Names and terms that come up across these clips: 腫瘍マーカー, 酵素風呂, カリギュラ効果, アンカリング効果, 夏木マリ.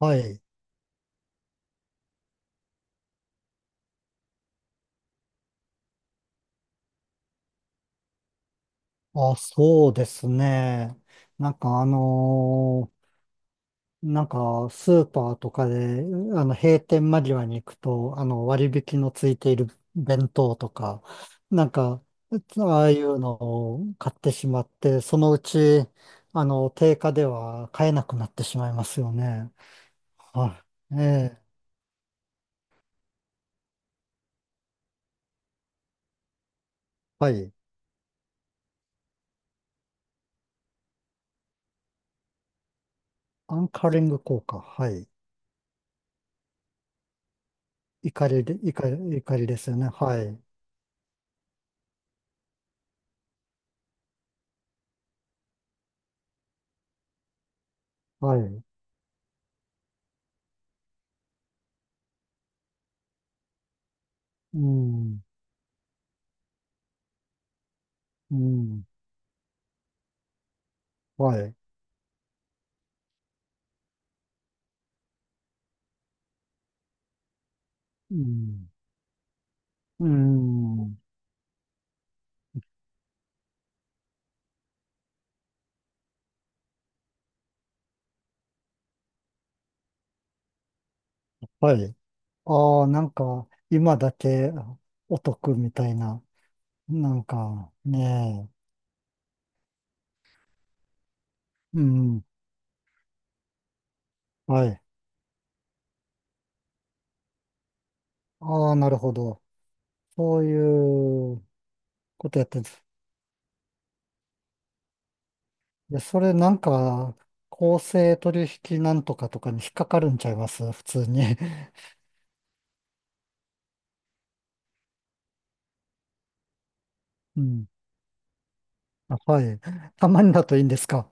はい。あ、そうですね。なんかあのーなんかスーパーとかで、あの、閉店間際に行くと、あの、割引のついている弁当とか、なんか、ああいうのを買ってしまって、そのうち、あの、定価では買えなくなってしまいますよね。はい。ええ、はい。アンカリング効果。はい。怒りで、怒りですよね。はい。はい。うん。うん。はい。うん。うん。はい。ああ、なんか、今だけお得みたいな、なんか、ねえ。うん。はい。ああ、なるほど。そういうことやってるんです。いや、それなんか、公正取引なんとかとかに引っかかるんちゃいます普通に。うん。あ、はい。たまにだといいんですか。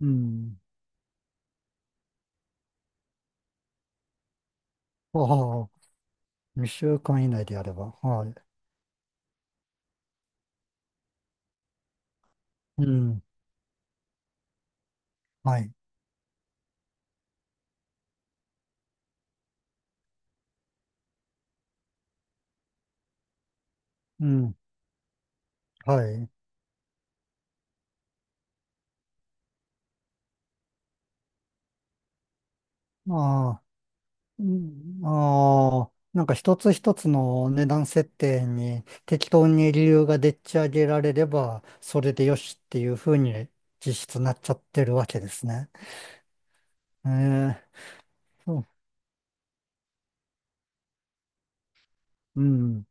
うん。ああ、2週間以内でやれば。はい。うん。はい。うん。はい。ああ。うん、ああ、なんか一つ一つの値段設定に適当に理由がでっち上げられれば、それでよしっていうふうに実質なっちゃってるわけですね。ええ、そう、うん、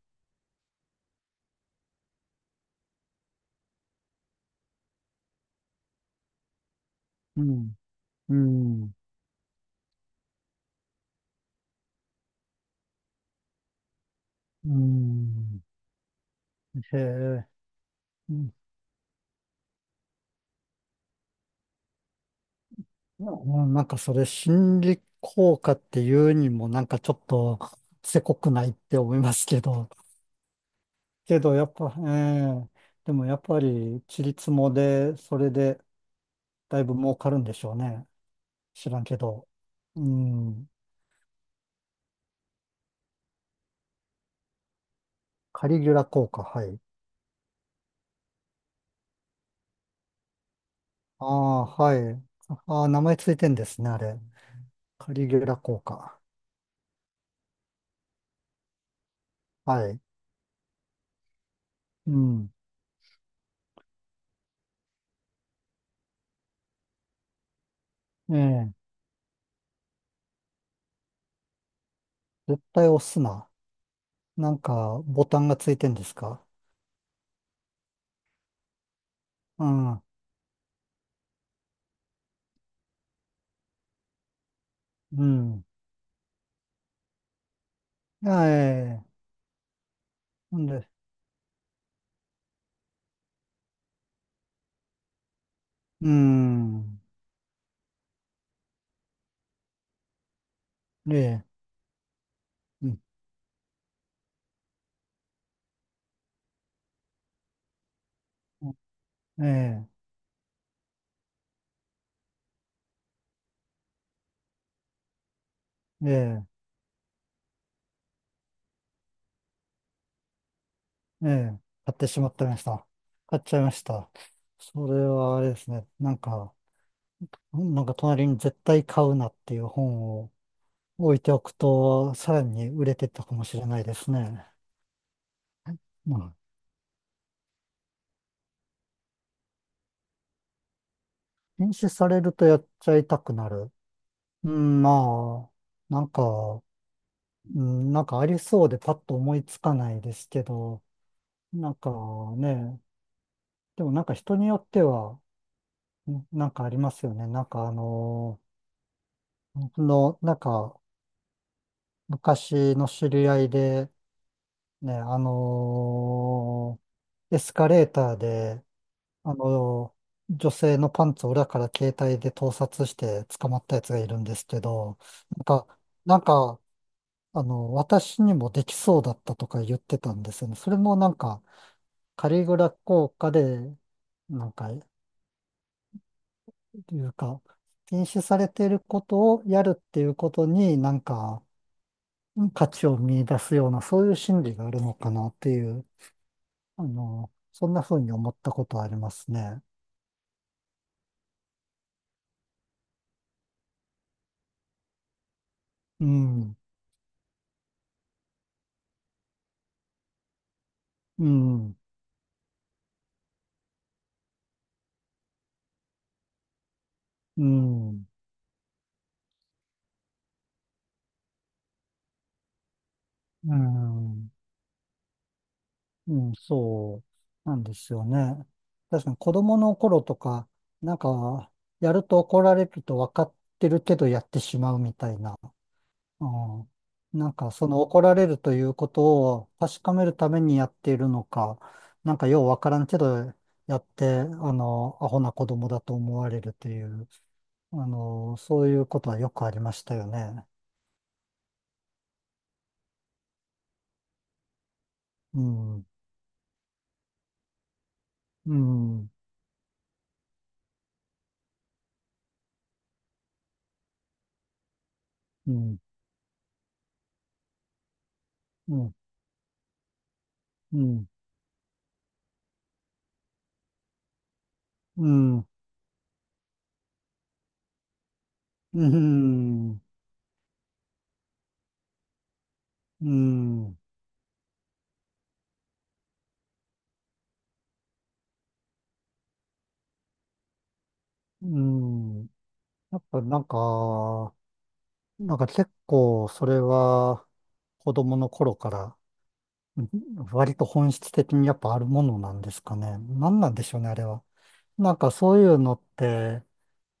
うん、うん、うん。へえ、うん、なんかそれ心理効果っていうにもなんかちょっとせこくないって思いますけど、けどやっぱ、ええ、でもやっぱり、ちりつもで、それで、だいぶ儲かるんでしょうね。知らんけど。うん。カリギュラ効果、はい。ああ、はい。ああ、名前ついてんですね、あれ。カリギュラ効果。はい。うん。ええ。絶対押すな。なんか、ボタンがついてんですか？うん。うん。いやええ。なんで、うん。ええ。うんええ。ええ。ええ。買ってしまったました。買っちゃいました。それはあれですね。なんか、なんか隣に絶対買うなっていう本を置いておくと、さらに売れてったかもしれないですね。うん。禁止されるとやっちゃいたくなる。うん、まあ、なんか、うん、なんかありそうでパッと思いつかないですけど、なんかね、でもなんか人によっては、なんかありますよね。なんかあの僕の、なんか昔の知り合いで、ね、あのエスカレーターで、あの、女性のパンツを裏から携帯で盗撮して捕まったやつがいるんですけど、なんか、なんか、あの、私にもできそうだったとか言ってたんですよね。それもなんか、カリグラ効果で、なんか、いうか、禁止されていることをやるっていうことになんか、価値を見出すような、そういう心理があるのかなっていう、あの、そんな風に思ったことはありますね。うん、うん、うん。うん、うん、そうなんですよね。確かに子供の頃とか、なんか、やると怒られると分かってるけどやってしまうみたいな。うん、なんか、その怒られるということを確かめるためにやっているのか、なんかよう分からんけどやって、あの、アホな子供だと思われるという、あの、そういうことはよくありましたよね。うん、うん、うん、うん、うん、うん。うん、うん、うん。やっぱなんか、なんか結構それは子供の頃からうん割と本質的にやっぱあるものなんですかね。なんなんでしょうね、あれは。なんかそういうのって、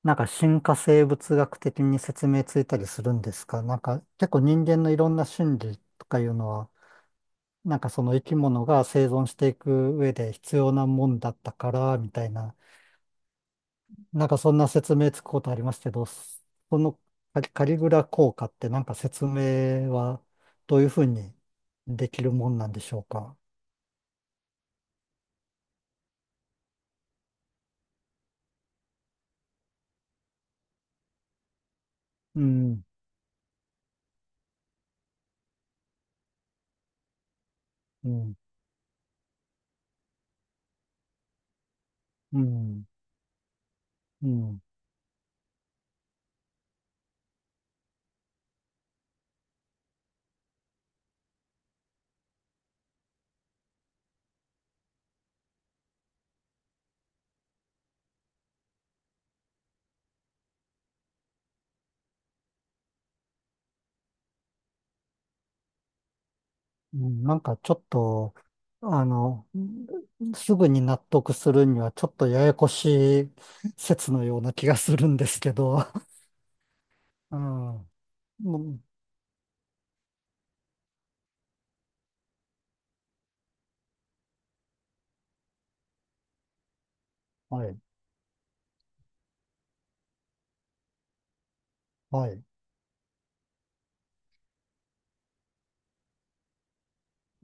なんか進化生物学的に説明ついたりするんですか？なんか結構人間のいろんな心理とかいうのは、なんかその生き物が生存していく上で必要なもんだったから、みたいな。なんかそんな説明つくことありますけど、そのカリグラ効果ってなんか説明はどういうふうにできるもんなんでしょうか。うん、うん、うん、うん、うんなんかちょっと、あの、すぐに納得するにはちょっとややこしい説のような気がするんですけど。うん、うんはい、はい。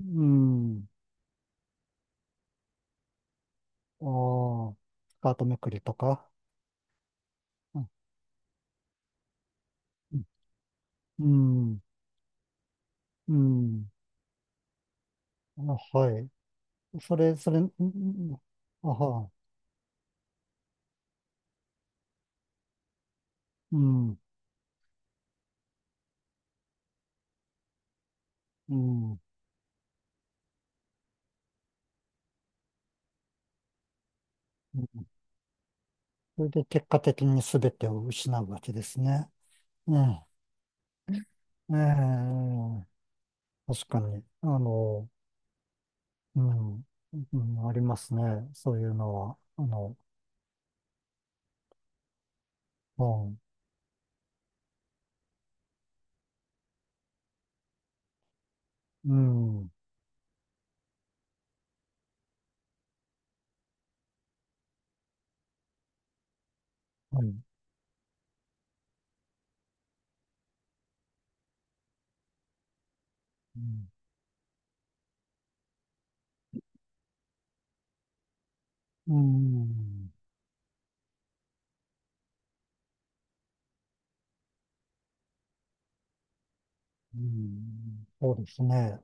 うん、ああ、スカートめくりとか。うんうんうん。あ、はい。それ、それ、んんあは、うん、うん。うんそれで結果的に全てを失うわけですね。うん。ええ、確かに。あの、うん、うん、ありますね。そういうのは。あの、うん、うん、はい。うん、うん、うんそうですね。